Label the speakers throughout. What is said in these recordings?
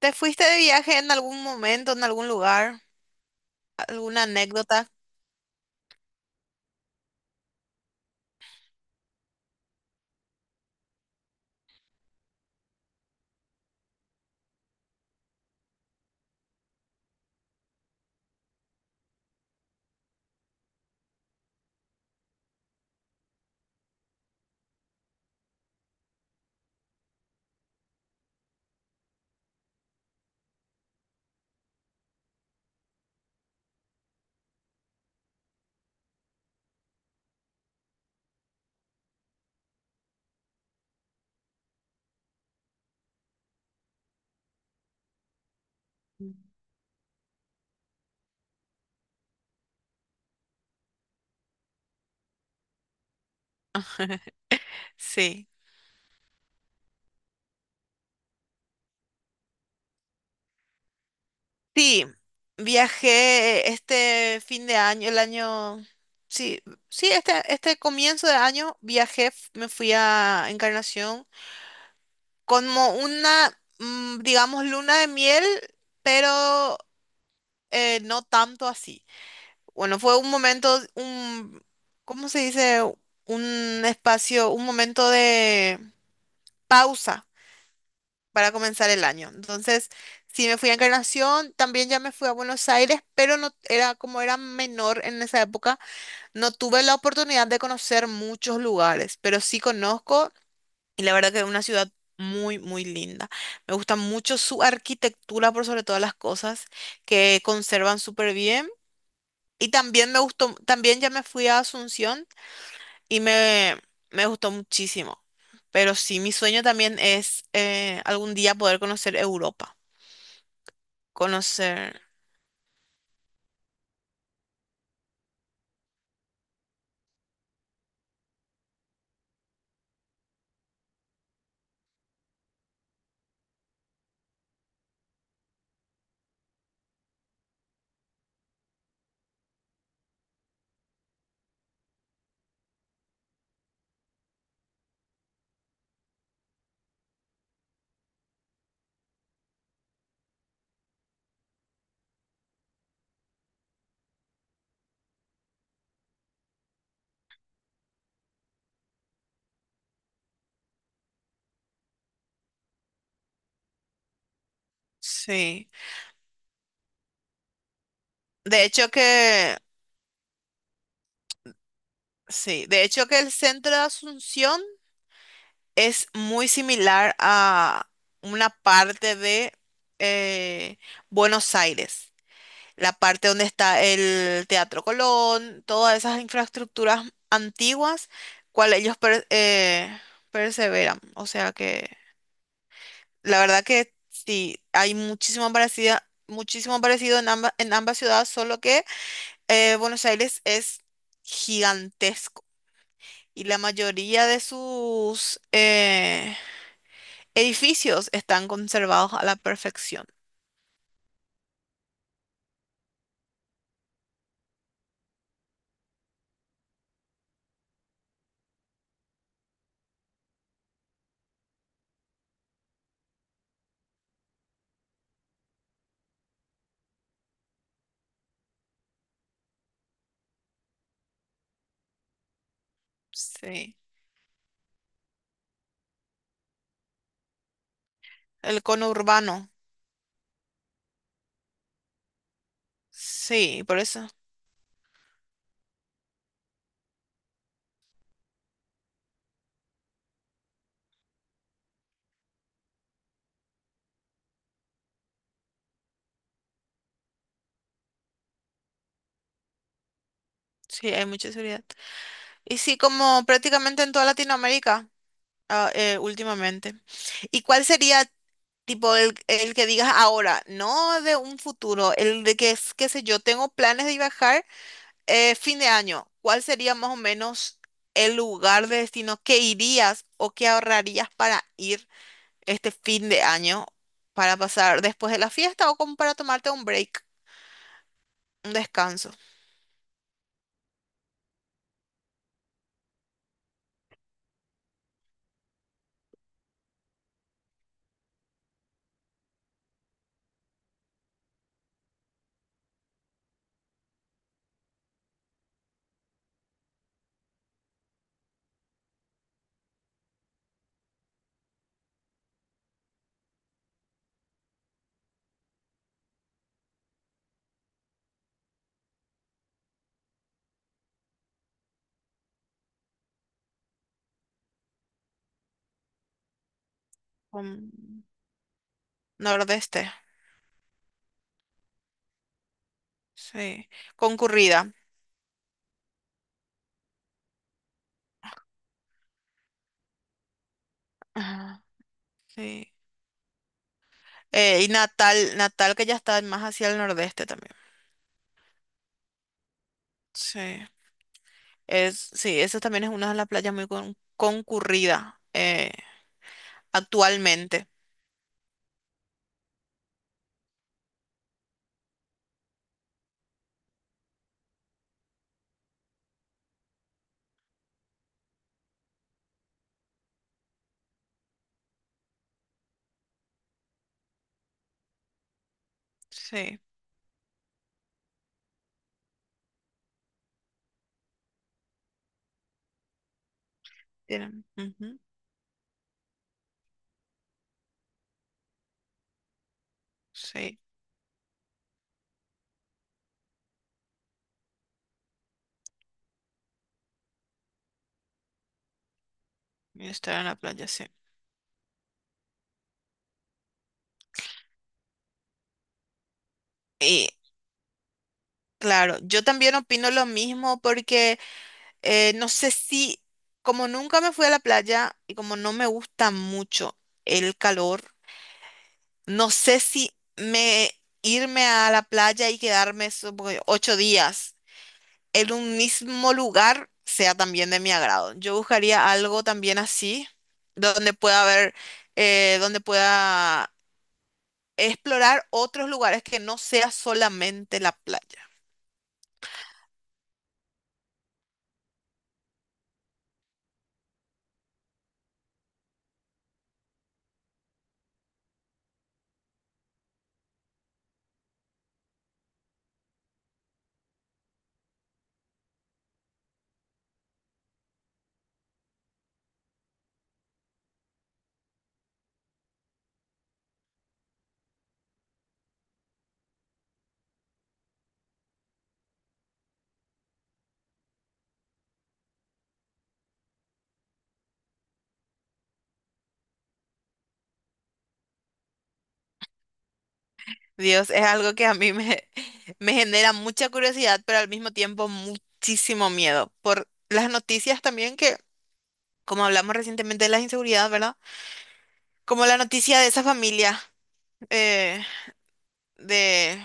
Speaker 1: ¿Te fuiste de viaje en algún momento, en algún lugar? ¿Alguna anécdota? Sí. Sí, viajé este fin de año, el año... Sí, sí, este comienzo de año viajé, me fui a Encarnación como una, digamos, luna de miel, pero no tanto así. Bueno, fue un momento, un, ¿cómo se dice? Un espacio, un momento de pausa para comenzar el año. Entonces, sí me fui a Encarnación, también ya me fui a Buenos Aires, pero no era como era menor en esa época, no tuve la oportunidad de conocer muchos lugares, pero sí conozco y la verdad que es una ciudad muy, muy linda. Me gusta mucho su arquitectura por sobre todas las cosas, que conservan súper bien. Y también me gustó, también ya me fui a Asunción y me gustó muchísimo. Pero sí, mi sueño también es algún día poder conocer Europa. Conocer, sí. De hecho que, sí, de hecho que el centro de Asunción es muy similar a una parte de eh, Buenos Aires, la parte donde está el Teatro Colón, todas esas infraestructuras antiguas, cual ellos perseveran. O sea que, la verdad que sí, hay muchísimo parecido en ambas ciudades, solo que Buenos Aires es gigantesco y la mayoría de sus edificios están conservados a la perfección. Sí, el conurbano. Sí, por eso. Sí, hay mucha seguridad. Y sí, como prácticamente en toda Latinoamérica últimamente. ¿Y cuál sería tipo el que digas ahora, no de un futuro, el de que es, qué sé yo, tengo planes de viajar? Fin de año, ¿cuál sería más o menos el lugar de destino que irías o que ahorrarías para ir este fin de año para pasar después de la fiesta o como para tomarte un break, un descanso? Con Nordeste, sí, concurrida. Ajá, sí. Y Natal, Natal que ya está más hacia el nordeste también. Sí, es, sí, eso también es una de las playas muy concurrida actualmente. Sí, tienen. Ujú. Sí, estar en la playa, sí. Y claro, yo también opino lo mismo porque no sé si, como nunca me fui a la playa y como no me gusta mucho el calor, no sé si me irme a la playa y quedarme supongo, 8 días en un mismo lugar sea también de mi agrado. Yo buscaría algo también así, donde pueda haber, donde pueda explorar otros lugares que no sea solamente la playa. Dios, es algo que a mí me genera mucha curiosidad, pero al mismo tiempo muchísimo miedo. Por las noticias también que, como hablamos recientemente de la inseguridad, ¿verdad? Como la noticia de esa familia eh, de,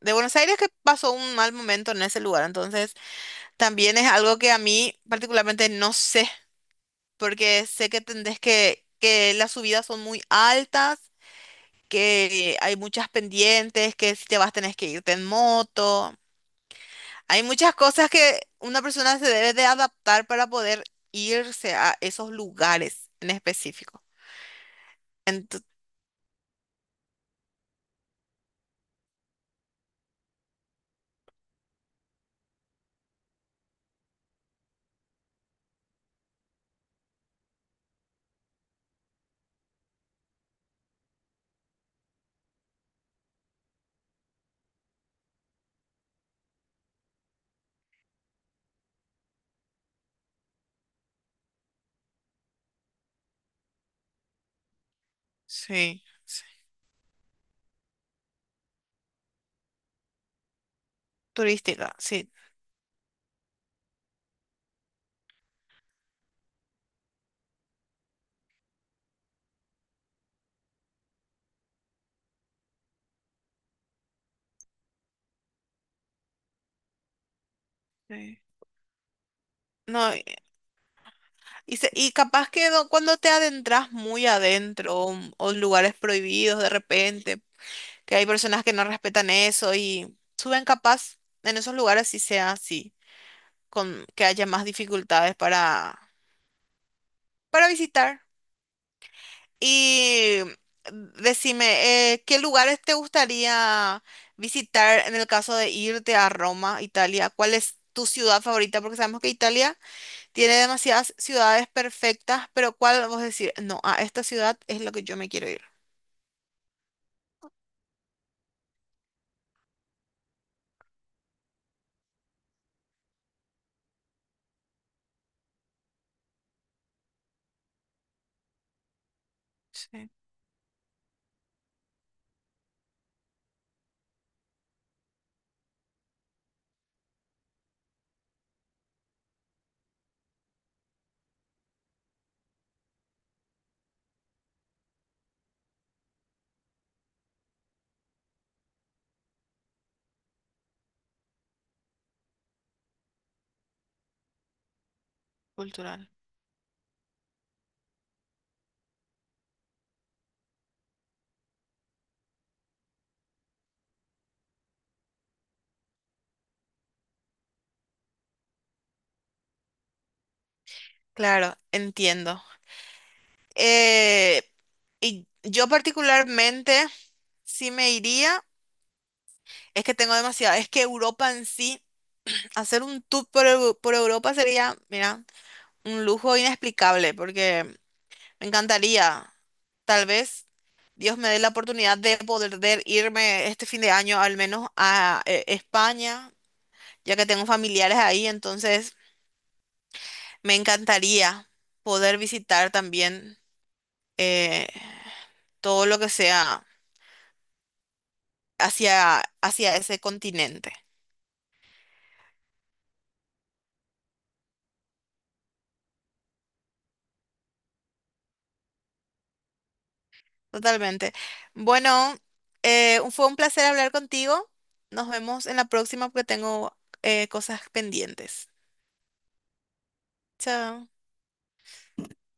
Speaker 1: de Buenos Aires que pasó un mal momento en ese lugar. Entonces, también es algo que a mí particularmente no sé, porque sé que tendés que las subidas son muy altas, que hay muchas pendientes, que si te vas tenés que irte en moto. Hay muchas cosas que una persona se debe de adaptar para poder irse a esos lugares en específico. Ento- sí, sí, turística, sí. Sí. No, y, y capaz que cuando te adentras muy adentro o lugares prohibidos de repente, que hay personas que no respetan eso y suben capaz en esos lugares si sea así, con que haya más dificultades para visitar. Y decime, ¿qué lugares te gustaría visitar en el caso de irte a Roma, Italia? ¿Cuál es tu ciudad favorita? Porque sabemos que Italia tiene demasiadas ciudades perfectas, pero ¿cuál vos decís? No, a esta ciudad es lo que yo me quiero ir. Sí, cultural. Claro, entiendo. Eh, y yo particularmente, sí me iría, es que tengo demasiado, es que Europa en sí, hacer un tour por, por Europa sería, mira, un lujo inexplicable, porque me encantaría, tal vez Dios me dé la oportunidad de poder de irme este fin de año al menos a España, ya que tengo familiares ahí, entonces me encantaría poder visitar también eh, todo lo que sea hacia ese continente. Totalmente. Bueno, fue un placer hablar contigo. Nos vemos en la próxima porque tengo cosas pendientes. Chao.